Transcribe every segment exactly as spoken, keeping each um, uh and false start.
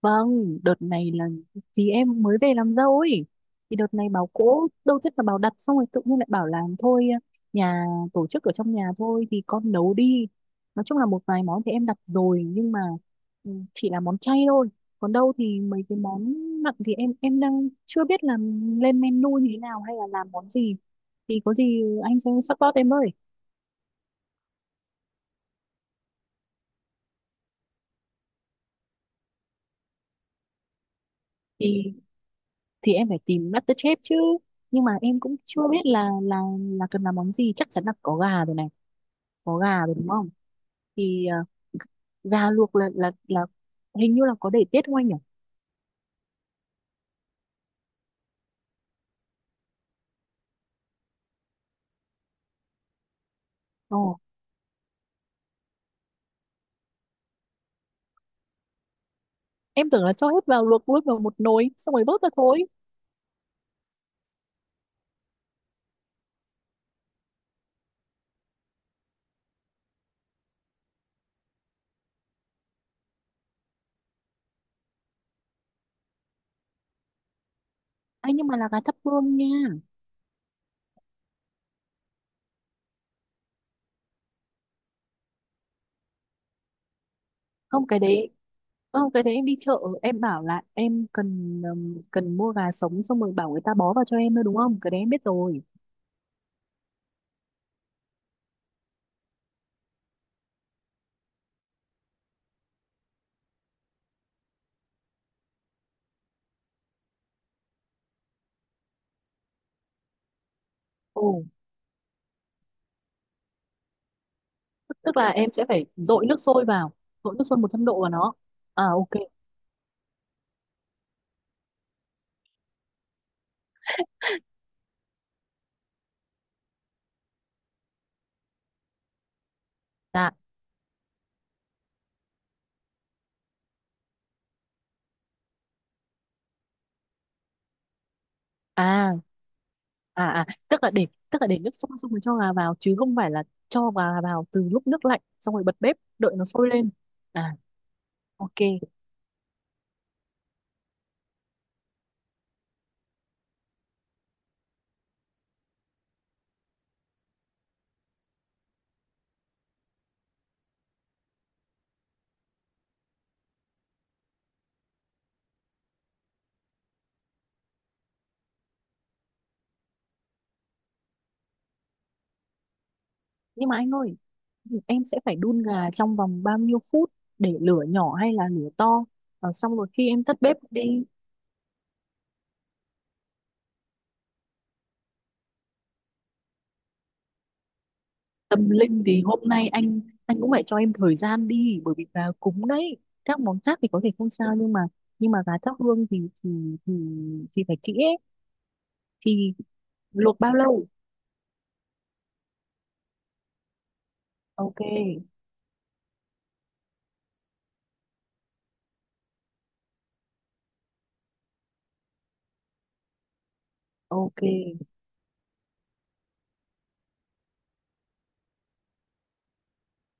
Vâng, đợt này là chị em mới về làm dâu ấy. Thì đợt này bảo cỗ, đâu biết là bảo đặt xong rồi tự nhiên lại bảo làm thôi, nhà tổ chức ở trong nhà thôi thì con nấu đi. Nói chung là một vài món thì em đặt rồi nhưng mà ừ, chỉ là món chay thôi. Còn đâu thì mấy cái món mặn thì em em đang chưa biết là lên menu như thế nào hay là làm món gì. Thì có gì anh sẽ support em ơi. Thì thì em phải tìm MasterChef chứ. Nhưng mà em cũng chưa biết là là là cần làm món gì, chắc chắn là có gà rồi này, có gà rồi đúng không? Thì à, gà luộc là là là hình như là có để tiết không anh nhỉ? Ồ, em tưởng là cho hết vào luộc luôn vào một nồi xong rồi vớt ra thôi. Anh nhưng mà là gà thắp hương nha. không cái đấy Không, cái đấy em đi chợ em bảo là em cần, ừm, cần mua gà sống xong rồi bảo người ta bó vào cho em thôi, đúng không? Cái đấy em biết rồi. Ồ, tức tức là em sẽ phải dội nước sôi vào dội nước sôi một trăm độ vào nó. À, ok. Dạ. À à à tức là để tức là để nước sôi xong rồi cho gà vào chứ không phải là cho gà vào từ lúc nước lạnh xong rồi bật bếp đợi nó sôi lên. À, ok. Nhưng mà anh ơi, em sẽ phải đun gà trong vòng bao nhiêu phút? Để lửa nhỏ hay là lửa to? Ờ, xong rồi khi em tắt bếp đi. Tâm linh thì hôm nay anh anh cũng phải cho em thời gian đi bởi vì gà cúng đấy. Các món khác thì có thể không sao nhưng mà, nhưng mà gà thắp hương thì thì thì, thì phải kỹ ấy. Thì luộc bao lâu? Ok, ok.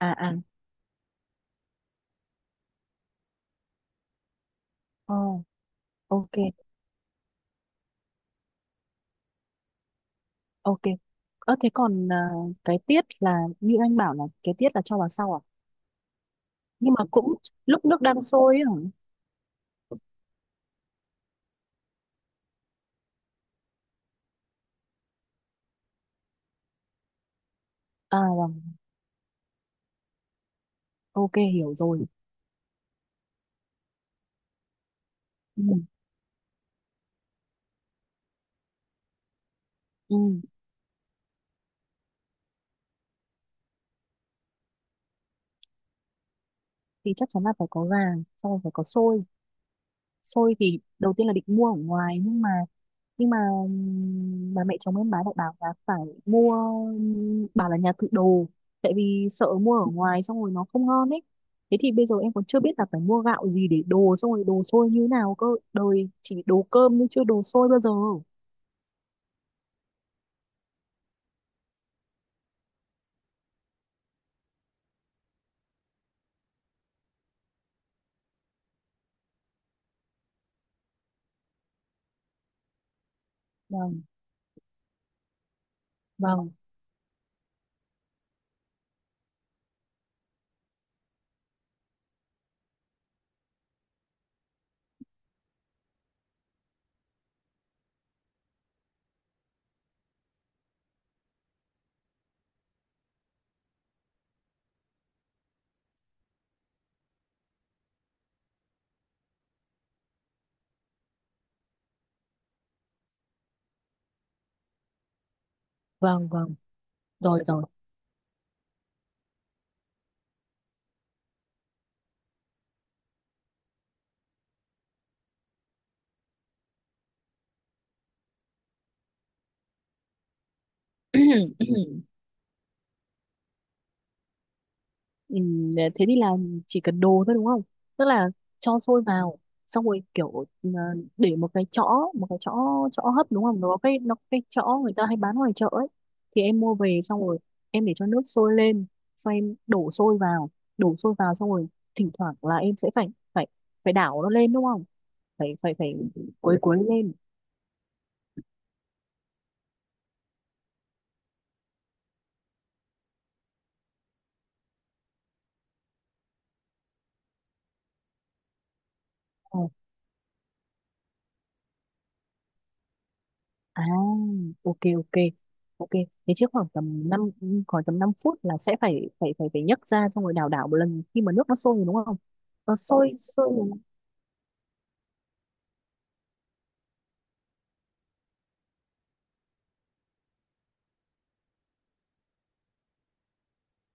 À, à. Ồ, ok, ok. Ơ thế còn à, cái tiết là như anh bảo là cái tiết là cho vào sau à? Nhưng mà cũng lúc nước đang sôi ấy hả? À vâng, ok, hiểu rồi. Ừ, ừ. Thì chắc chắn là phải có gà, sau rồi phải có xôi. Xôi thì đầu tiên là định mua ở ngoài nhưng mà, nhưng mà ừm, bà mẹ chồng em bà lại bảo là phải mua, ừm, bảo là nhà tự đồ tại vì sợ mua ở ngoài xong rồi nó không ngon ấy. Thế thì bây giờ em còn chưa biết là phải mua gạo gì để đồ xong rồi đồ xôi như thế nào cơ. Đời chỉ đồ cơm nhưng chưa đồ xôi bao giờ. Vâng, vâng, vâng, vâng. Rồi, rồi. Ừm, thế thì là chỉ cần đồ thôi đúng không? Tức là cho sôi vào xong rồi kiểu, ờ, để một cái chõ, một cái chõ chõ hấp đúng không? Nó có cái nó có cái chõ người ta hay bán ngoài chợ ấy. Thì em mua về xong rồi em để cho nước sôi lên, xong em đổ sôi vào, đổ sôi vào xong rồi thỉnh thoảng là em sẽ phải, phải phải đảo nó lên đúng không? Phải phải phải quấy quấy lên. Ờ. À, ok, ok, ok. Thế chứ khoảng tầm năm, khoảng tầm năm phút là sẽ phải phải phải phải nhấc ra xong rồi đảo đảo một lần khi mà nước nó sôi rồi đúng không? Nó sôi sôi rồi.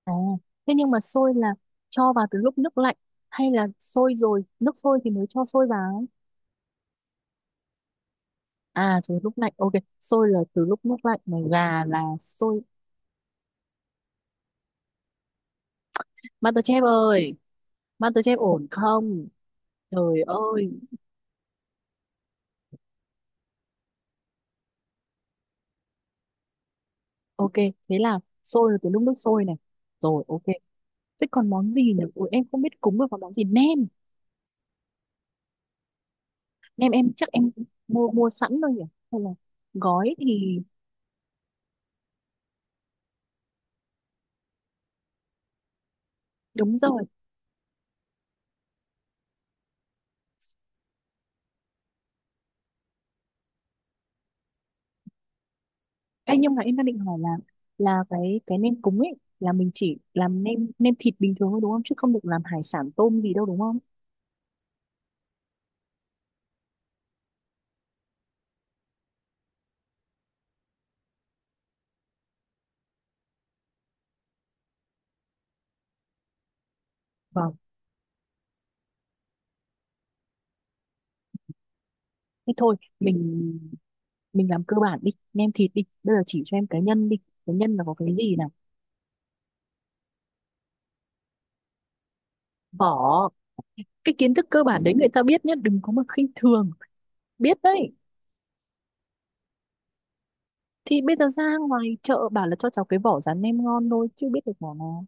À, thế nhưng mà sôi là cho vào từ lúc nước lạnh hay là sôi rồi, nước sôi thì mới cho sôi vào? À, từ lúc lạnh. Ok, sôi là từ lúc nước lạnh mà gà là sôi. MasterChef ơi, MasterChef ổn không? Trời ơi. Ok, thế là sôi là từ lúc nước sôi này. Rồi, ok. Thế còn món gì nhỉ? Ủa, em không biết cúng được còn món gì. Nem. Nem em chắc em mua mua sẵn thôi nhỉ? Hay là gói thì đúng rồi. Ê, nhưng mà em đang định hỏi là là cái cái nem cúng ấy là mình chỉ làm nem nem thịt bình thường thôi đúng không? Chứ không được làm hải sản tôm gì đâu đúng không? Vâng. Thế thôi, mình mình làm cơ bản đi, nem thịt đi. Bây giờ chỉ cho em cái nhân đi. Cái nhân là có cái gì nào? Vỏ. Cái kiến thức cơ bản đấy người ta biết nhá, đừng có mà khinh thường. Biết đấy. Thì bây giờ ra ngoài chợ bảo là cho cháu cái vỏ rán nem ngon thôi chứ biết được vỏ nào.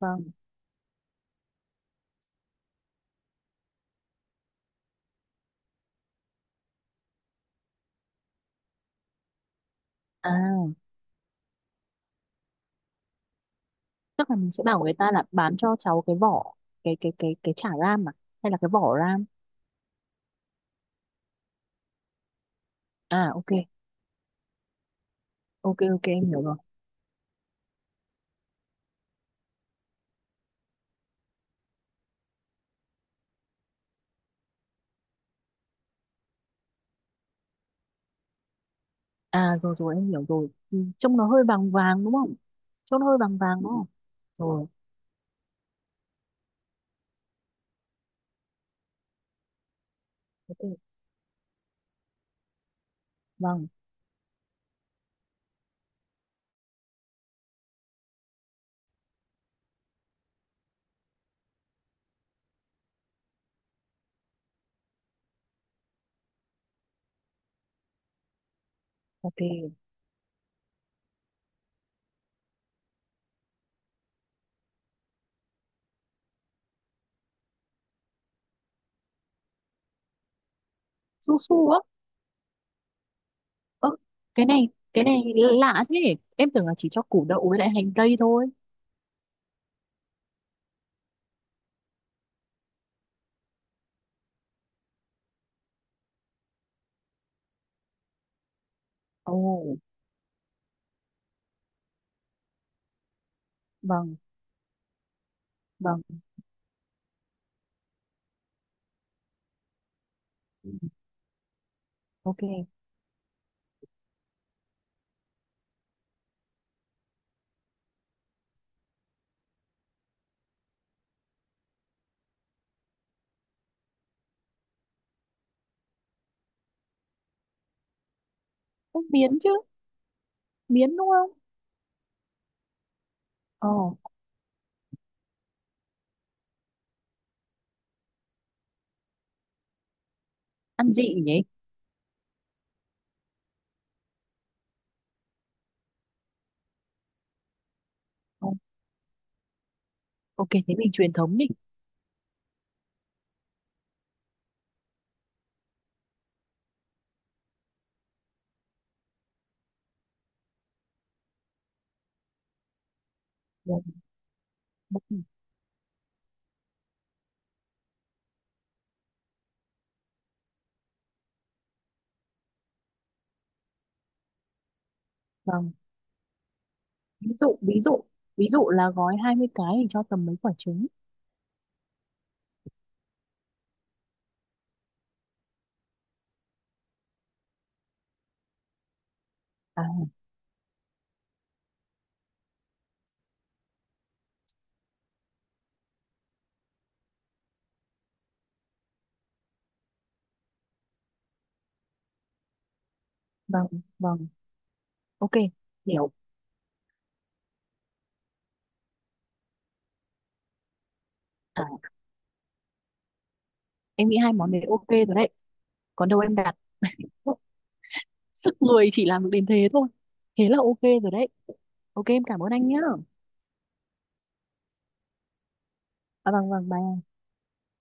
Vâng. À, chắc là mình sẽ bảo người ta là bán cho cháu cái vỏ cái cái cái cái chả ram, à hay là cái vỏ ram. À, ok, ok, ok, em hiểu rồi. À, rồi, rồi, em hiểu rồi. Ừ, trông nó hơi vàng vàng đúng không? Trông nó hơi vàng vàng đúng không? Rồi. Ok. Vâng. Ok. Su su á? Ơ, cái này cái này lạ thế, em tưởng là chỉ cho củ đậu với lại hành tây thôi. Ồ. Vâng, vâng. Ok. Không, biến chứ, miến đúng không? Ờ. Ăn dị nhỉ. Ờ, ok, thế mình truyền thống đi. Rồi, ok. Vâng. ví dụ ví dụ Ví dụ là gói hai mươi cái thì cho tầm mấy quả trứng? À, vâng, vâng. Ok. Hiểu. À, em nghĩ hai món đấy ok rồi đấy. Còn đâu em đặt. Sức người chỉ làm được đến thế thôi. Thế là ok rồi đấy. Ok, em cảm ơn anh nhá. À, vâng, vâng, bye.